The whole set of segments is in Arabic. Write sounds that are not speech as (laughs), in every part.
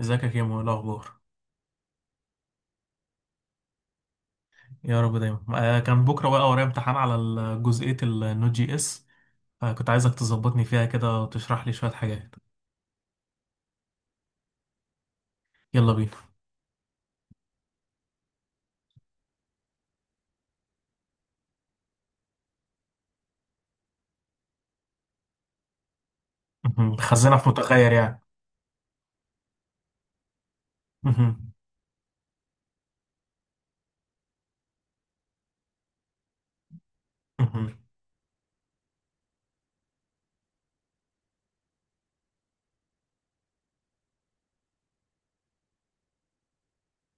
ازيك يا كيمو؟ ايه الاخبار؟ يا رب دايما. كان بكره بقى ورايا امتحان على جزئيه النوت جي اس، فكنت عايزك تظبطني فيها كده وتشرح لي شويه حاجات. يلا بينا. مهم، خزنه في متغير يعني. مهم. مهم.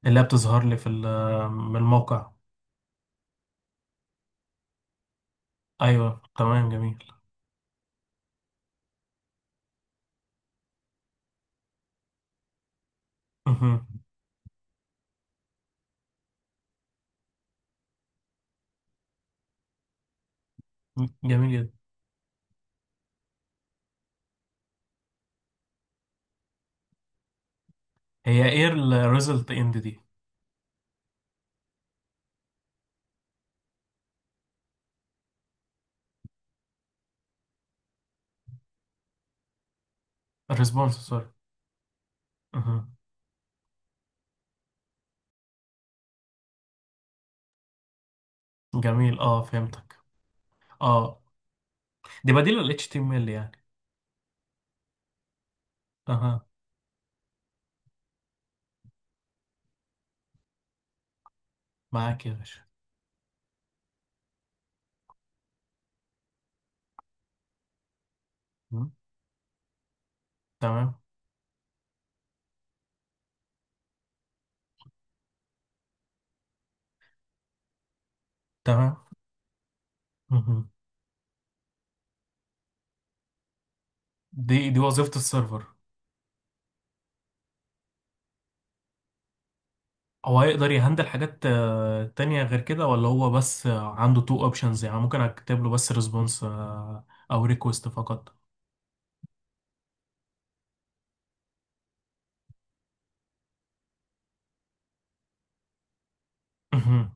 اللي هي بتظهر لي في من الموقع. ايوه تمام، جميل. مهم. جميل جدا. هي ايه الريزلت اند دي؟ الريسبونس، سوري. مهم. جميل، اه فهمتك. اه، دي بديل ال HTML يعني. اها، معاك يا باشا. مم. تمام. تمام، دي وظيفة السيرفر. هو هيقدر يهندل حاجات تانية غير كده، ولا هو بس عنده تو اوبشنز يعني؟ ممكن اكتب له بس ريسبونس او ريكوست فقط؟ مهم،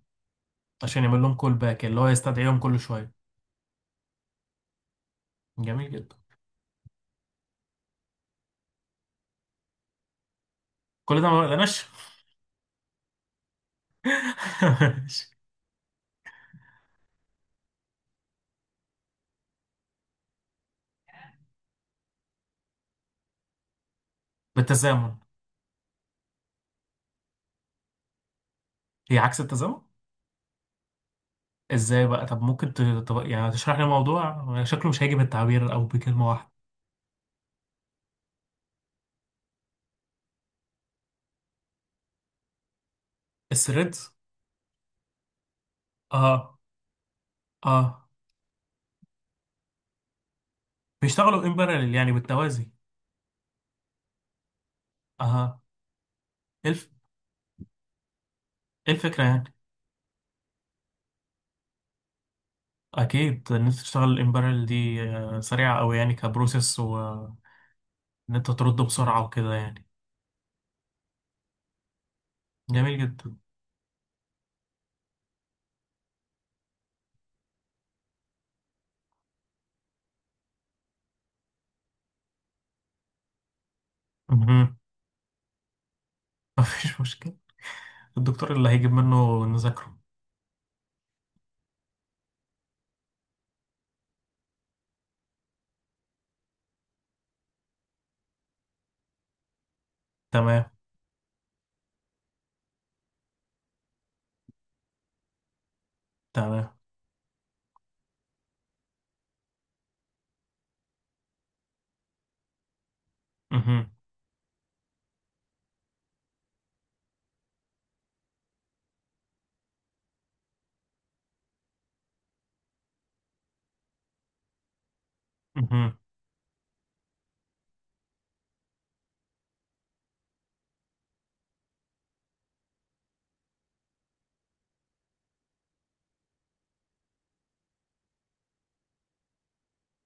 عشان يعمل لهم كول باك اللي هو يستدعيهم كل شوية. جميل جدا. كل ده ما بدناش. (laughs) بالتزامن. هي عكس التزامن؟ ازاي بقى؟ طب ممكن طب يعني تشرح لي الموضوع؟ شكله مش هيجي بالتعبير او بكلمة واحدة. الثريدز. اه. اه، بيشتغلوا ان باراليل يعني بالتوازي. اه. ايه الف... ايه الفكرة يعني؟ اكيد، ان انت تشتغل الامبريال دي سريعه قوي يعني، كبروسيس، وان انت ترد بسرعه وكده يعني. جميل جدا. مهم. (laughs) مفيش مشكله، الدكتور اللي هيجيب منه نذاكره. تمام. تمام. مهم. مهم.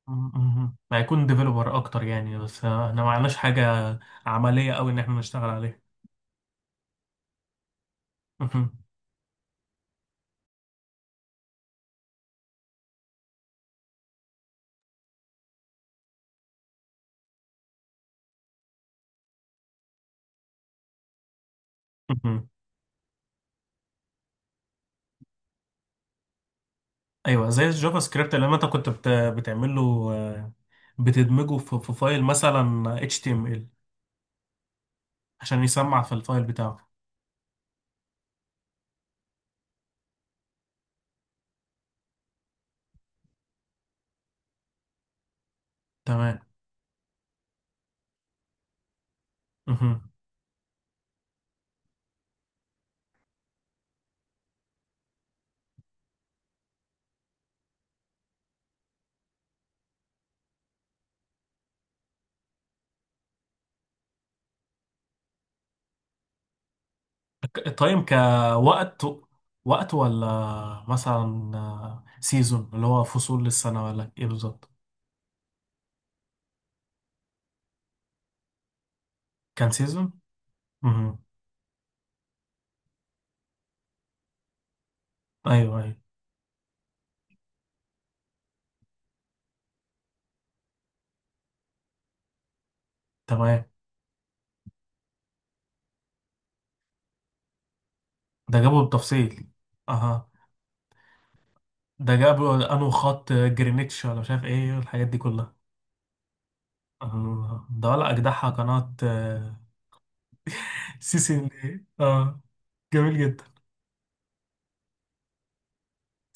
مهم، هيكون ديفلوبر اكتر يعني، بس احنا ما عندناش حاجه عمليه قوي ان احنا نشتغل عليها. مهم. مهم. ايوه، زي الجافا سكريبت اللي انت كنت بتعمله. آه، بتدمجه في فايل مثلا HTML عشان يسمع في الفايل بتاعه. تمام. مهم. تايم كوقت؟ وقت ولا مثلا سيزون اللي هو فصول للسنة ولا ايه بالظبط؟ كان سيزون. امم. ايوه ايوه. تمام. ده جابه بالتفصيل. اها. ده جابه انه خط جرينتش ولا مش عارف ايه الحاجات دي كلها. آه، ده ولا اجدعها قناة. (laughs) سي سي ان ايه؟ (laughs) اه، جميل جدا.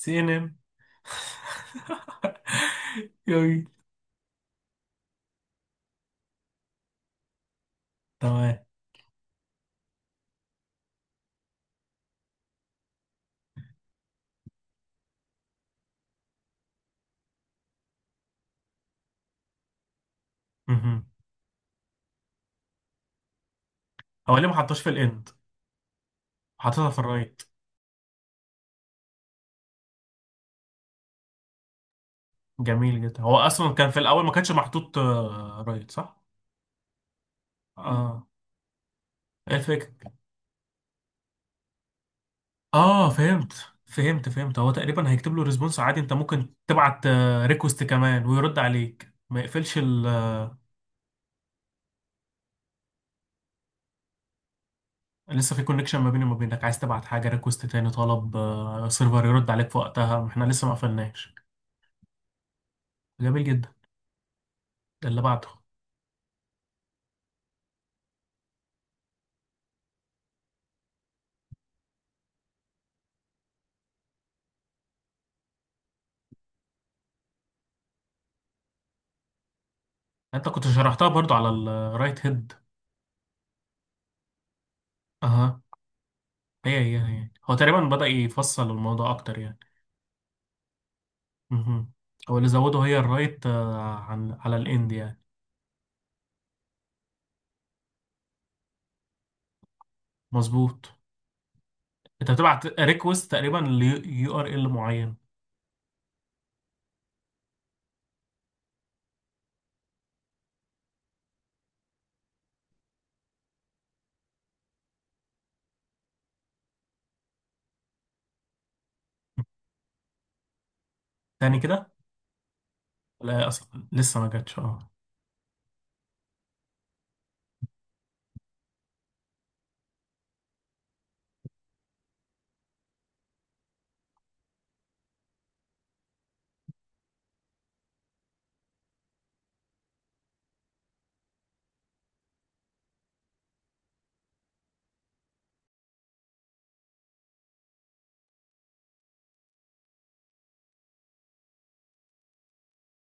سي ان ان. (laughs) جميل. تمام. مهم. هو ليه ما حطوش في الاند؟ حطيتها في الرايت. جميل جدا. هو اصلا كان في الاول ما كانش محطوط رايت، صح؟ اه. ايه الفكره؟ اه، فهمت فهمت فهمت. هو تقريبا هيكتب له ريسبونس عادي، انت ممكن تبعت ريكوست كمان ويرد عليك، ما يقفلش ال. لسه في كونكشن ما بيني وما بينك، عايز تبعت حاجه ريكوست تاني طلب سيرفر يرد عليك في وقتها، احنا لسه ما قفلناش. جميل جدا. ده اللي بعده. انت كنت شرحتها برضو على الرايت هيد. اها. هي هو تقريبا بدأ يفصل الموضوع اكتر يعني. مهم. هو اللي زوده هي الرايت عن على الاند يعني. مظبوط. انت بتبعت ريكوست تقريبا ليو ار ال معين. تاني كده؟ لا، اصلا لسه ما جاتش. اه.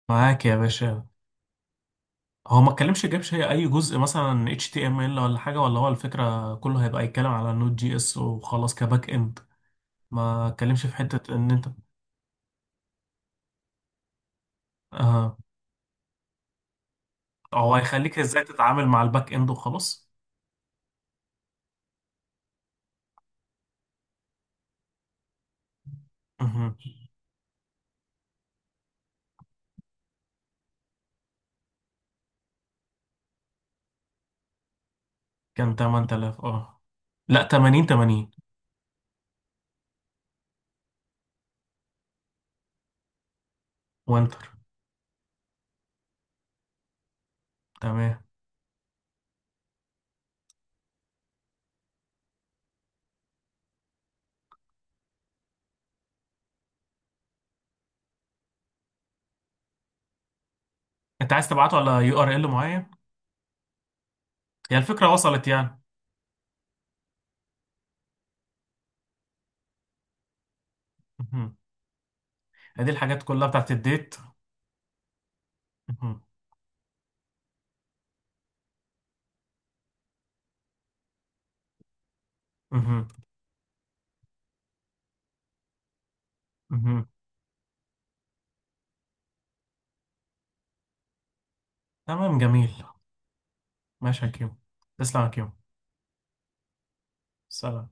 معاك يا باشا. هو ما اتكلمش، جابش هي اي جزء مثلا اتش تي ام ال ولا حاجه، ولا هو الفكره كله هيبقى يتكلم على نود جي اس وخلاص، كباك اند؟ ما اتكلمش في حته ان انت. اه. هو هيخليك ازاي تتعامل مع الباك اند وخلاص. مهم. كان 8000، اه لا، 80 80. وانتر. تمام. انت عايز تبعته على يو ار ال معين؟ هي الفكره وصلت يعني. مهم. هذه الحاجات كلها بتاعت الديت. مهم. مهم. مهم. تمام، جميل. ماشي يا كيمو. تسلم يا كيمو. سلام.